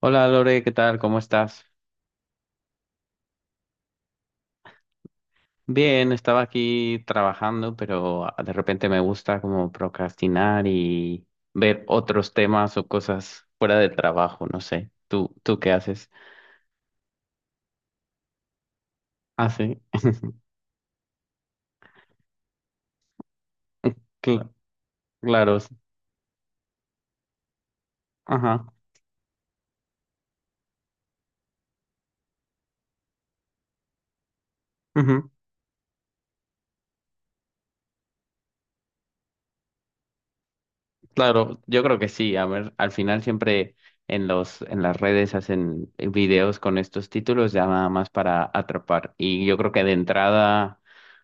Hola Lore, ¿qué tal? ¿Cómo estás? Bien, estaba aquí trabajando, pero de repente me gusta como procrastinar y ver otros temas o cosas fuera del trabajo, no sé. ¿Tú qué haces? Ah, sí, cl- claro, sí. Ajá. Claro, yo creo que sí. A ver, al final siempre en las redes hacen videos con estos títulos ya nada más para atrapar. Y yo creo que de entrada,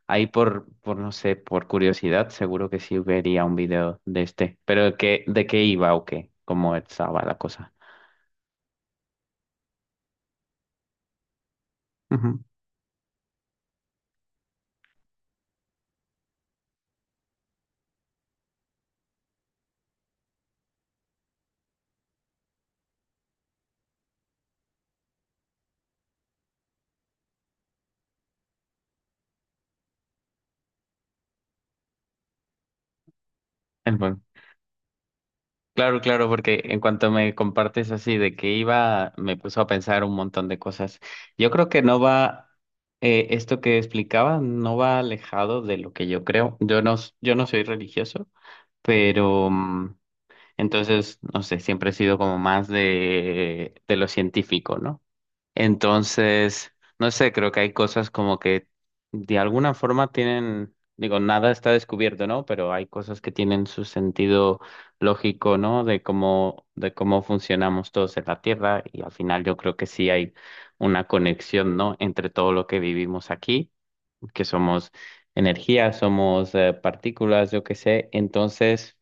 ahí por no sé, por curiosidad, seguro que sí vería un video de este. Pero ¿qué, de qué iba o qué? ¿Cómo estaba la cosa? Ujú. El juego. Claro, claro, porque en cuanto me compartes así de que iba, me puso a pensar un montón de cosas. Yo creo que no va, Esto que explicaba no va alejado de lo que yo creo. Yo no soy religioso, pero entonces, no sé, siempre he sido como más de lo científico, ¿no? Entonces, no sé, creo que hay cosas como que de alguna forma tienen, digo, nada está descubierto, ¿no? Pero hay cosas que tienen su sentido lógico, ¿no? De cómo funcionamos todos en la Tierra y al final yo creo que sí hay una conexión, ¿no? Entre todo lo que vivimos aquí, que somos energía, somos partículas, yo qué sé. Entonces...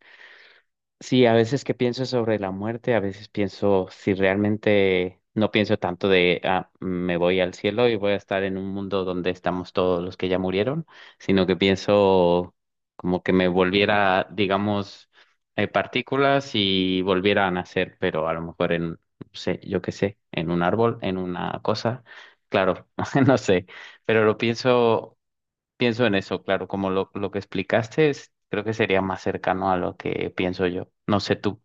Sí, a veces que pienso sobre la muerte, a veces pienso si realmente no pienso tanto de ah, me voy al cielo y voy a estar en un mundo donde estamos todos los que ya murieron, sino que pienso como que me volviera, digamos, partículas y volviera a nacer, pero a lo mejor en, no sé, yo qué sé, en un árbol, en una cosa, claro, no sé, pero lo pienso. Pienso en eso, claro, lo que explicaste es, creo que sería más cercano a lo que pienso yo. No sé tú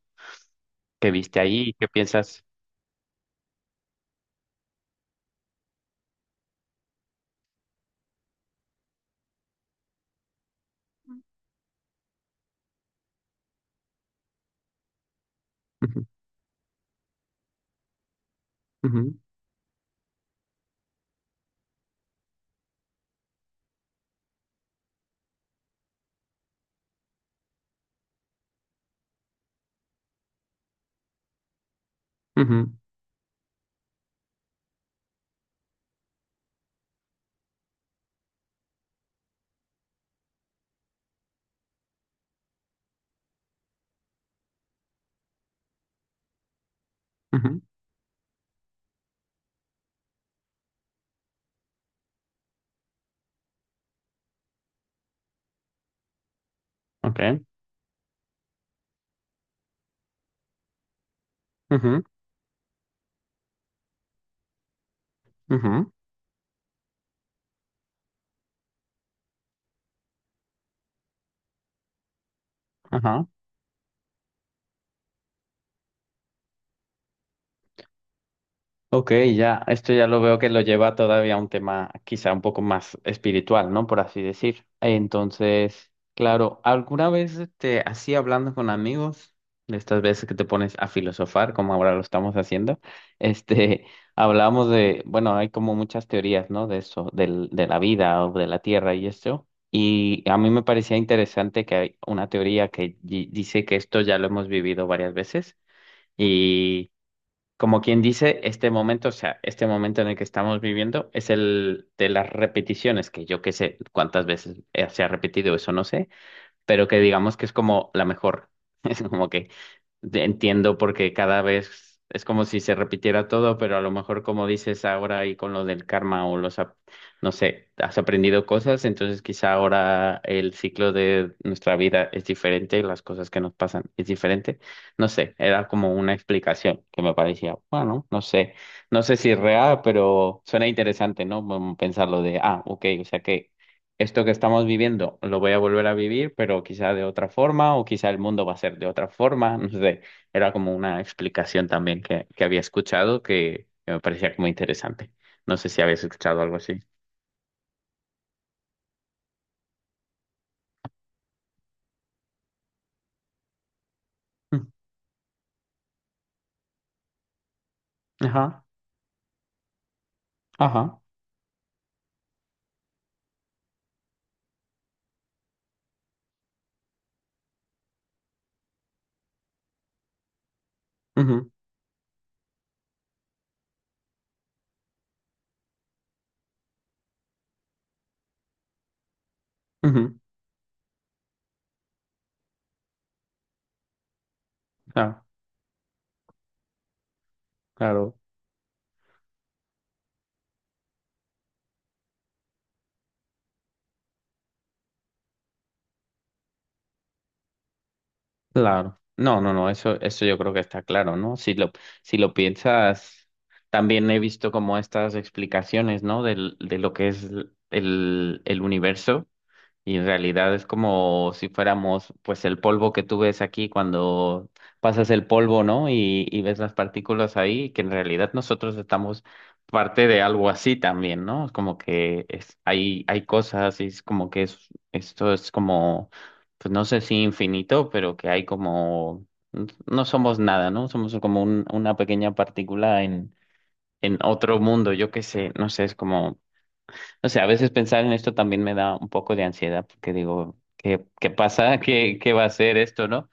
qué viste ahí, qué piensas. Ujú, ujú, ujú, ujú, ok, ujú, ujú, ajá. Ok, ya, esto ya lo veo que lo lleva todavía a un tema quizá un poco más espiritual, ¿no? Por así decir. Entonces, claro, ¿alguna vez te así hablando con amigos, de estas veces que te pones a filosofar, como ahora lo estamos haciendo, este, hablamos de, bueno, hay como muchas teorías, ¿no? De eso, del, de la vida o de la tierra y esto. Y a mí me parecía interesante que hay una teoría que dice que esto ya lo hemos vivido varias veces y como quien dice, este momento, o sea, este momento en el que estamos viviendo es el de las repeticiones, que yo qué sé cuántas veces se ha repetido, eso no sé, pero que digamos que es como la mejor. Es como que entiendo porque cada vez es como si se repitiera todo, pero a lo mejor como dices ahora y con lo del karma o no sé, has aprendido cosas, entonces quizá ahora el ciclo de nuestra vida es diferente, las cosas que nos pasan es diferente. No sé, era como una explicación que me parecía, bueno, no sé, no sé si es real, pero suena interesante, ¿no? Como pensarlo de, ah, ok, o sea que esto que estamos viviendo lo voy a volver a vivir, pero quizá de otra forma o quizá el mundo va a ser de otra forma, no sé. Era como una explicación también que había escuchado que me parecía como interesante. No sé si habías escuchado algo así. Mm, ajá, ajá, ujú, ujú. Claro, claro, claro. No, no, no, eso yo creo que está claro, ¿no? Si lo, si lo piensas, también he visto como estas explicaciones, ¿no? De lo que es el universo. Y en realidad es como si fuéramos, pues, el polvo que tú ves aquí cuando pasas el polvo, ¿no? Y ves las partículas ahí, que en realidad nosotros estamos parte de algo así también, ¿no? Es como que es, hay cosas y es como que es, esto es como, pues no sé si infinito, pero que hay como, no somos nada, ¿no? Somos como una pequeña partícula en otro mundo, yo qué sé, no sé, es como... O sea, a veces pensar en esto también me da un poco de ansiedad porque digo, ¿qué, qué pasa? ¿Qué, qué va a ser esto, no?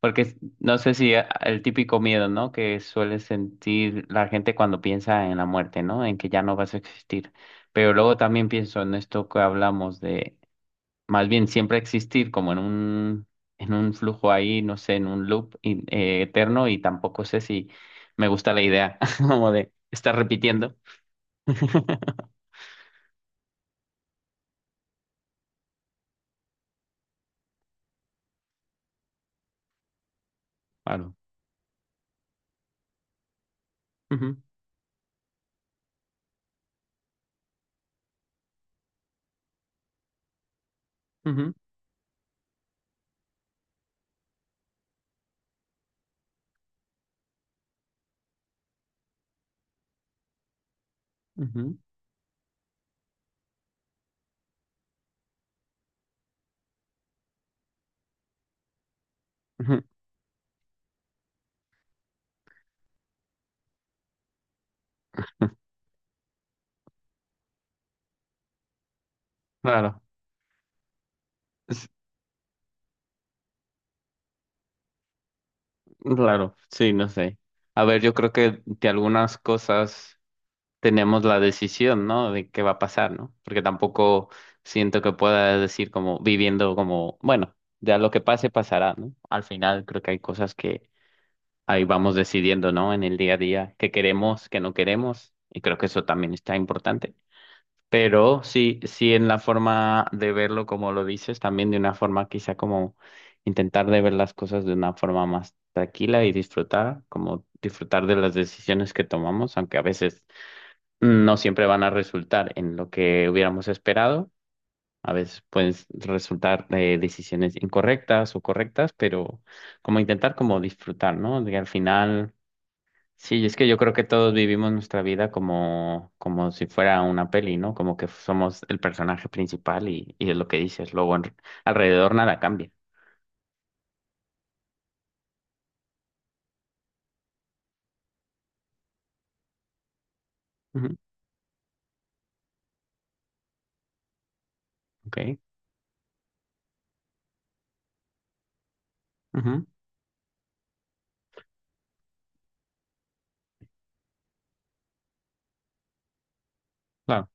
Porque no sé si el típico miedo, ¿no? Que suele sentir la gente cuando piensa en la muerte, ¿no? En que ya no vas a existir. Pero luego también pienso en esto que hablamos de, más bien siempre existir como en un flujo ahí, no sé, en un eterno y tampoco sé si me gusta la idea como de estar repitiendo. Claro. Ujú, ujú, ujú. Ujú. Claro, es- claro, sí, no sé. A ver, yo creo que de algunas cosas tenemos la decisión, ¿no? De qué va a pasar, ¿no? Porque tampoco siento que pueda decir como viviendo como, bueno, ya lo que pase pasará, ¿no? Al final creo que hay cosas que ahí vamos decidiendo, ¿no? En el día a día, qué queremos, qué no queremos, y creo que eso también está importante. Pero sí, sí en la forma de verlo como lo dices, también de una forma quizá como intentar de ver las cosas de una forma más tranquila y disfrutar, como disfrutar de las decisiones que tomamos, aunque a veces no siempre van a resultar en lo que hubiéramos esperado. A veces pueden resultar decisiones incorrectas o correctas, pero como intentar como disfrutar, ¿no? De que al final sí, es que yo creo que todos vivimos nuestra vida como, como si fuera una peli, ¿no? Como que somos el personaje principal y es lo que dices. Luego alrededor nada cambia. Ujú, ok, ujú, claro.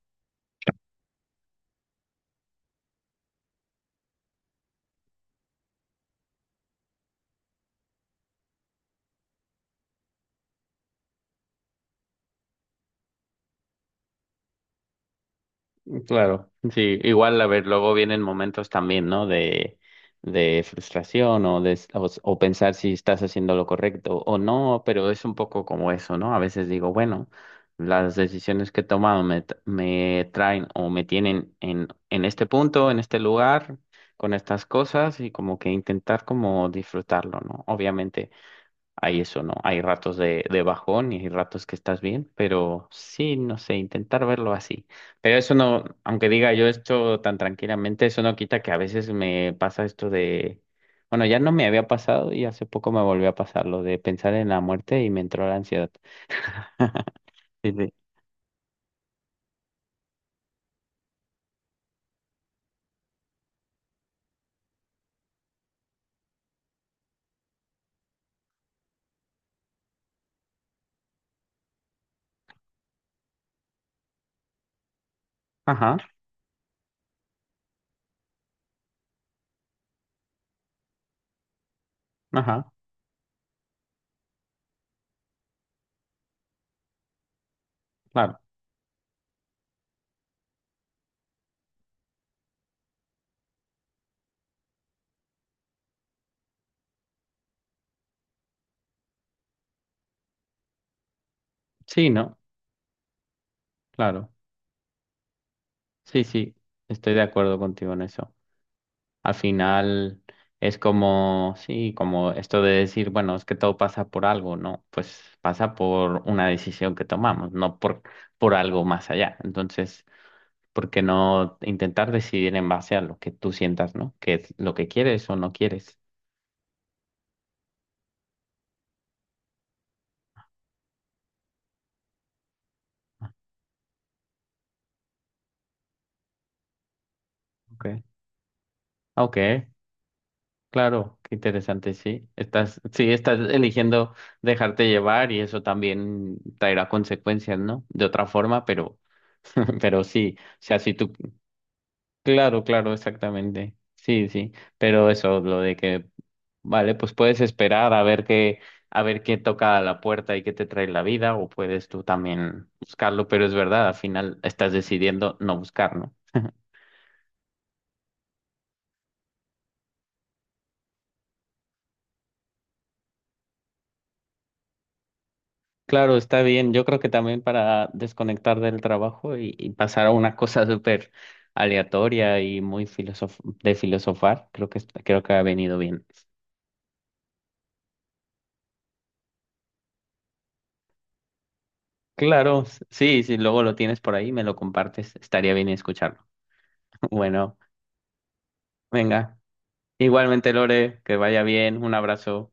Claro, sí, igual a ver, luego vienen momentos también, ¿no? De frustración o, de, o pensar si estás haciendo lo correcto o no, pero es un poco como eso, ¿no? A veces digo, bueno, las decisiones que he tomado me traen o me tienen en este punto, en este lugar, con estas cosas y como que intentar como disfrutarlo, ¿no? Obviamente hay eso, ¿no? Hay ratos de bajón y hay ratos que estás bien, pero sí, no sé, intentar verlo así. Pero eso no, aunque diga yo esto tan tranquilamente, eso no quita que a veces me pasa esto de, bueno, ya no me había pasado y hace poco me volvió a pasar lo de pensar en la muerte y me entró la ansiedad. Sí, sí. Ajá, ajá, claro. Sí, ¿no? Claro. Sí, sí, estoy de acuerdo contigo en eso. Al final es como, sí, como esto de decir, bueno, es que todo pasa por algo, ¿no? Pues pasa por una decisión que tomamos, no por algo más allá. Entonces, ¿por qué no intentar decidir en base a lo que tú sientas, ¿no? Que es lo que quieres o no quieres. Okay. Ok, claro, qué interesante, sí. Estás, sí, estás eligiendo dejarte llevar y eso también traerá consecuencias, ¿no? De otra forma, pero, pero sí. O sea, si tú claro, claro, exactamente. Sí, sí, pero eso, lo de que, vale, pues puedes esperar a ver qué toca a la puerta y qué te trae la vida, o puedes tú también buscarlo, pero es verdad, al final estás decidiendo no buscarlo. Claro, está bien. Yo creo que también para desconectar del trabajo y pasar a una cosa súper aleatoria y muy filosof de filosofar, creo que, creo que ha venido bien. Claro, sí, si luego lo tienes por ahí, me lo compartes, estaría bien escucharlo. Bueno. Venga, igualmente Lore, que vaya bien, un abrazo.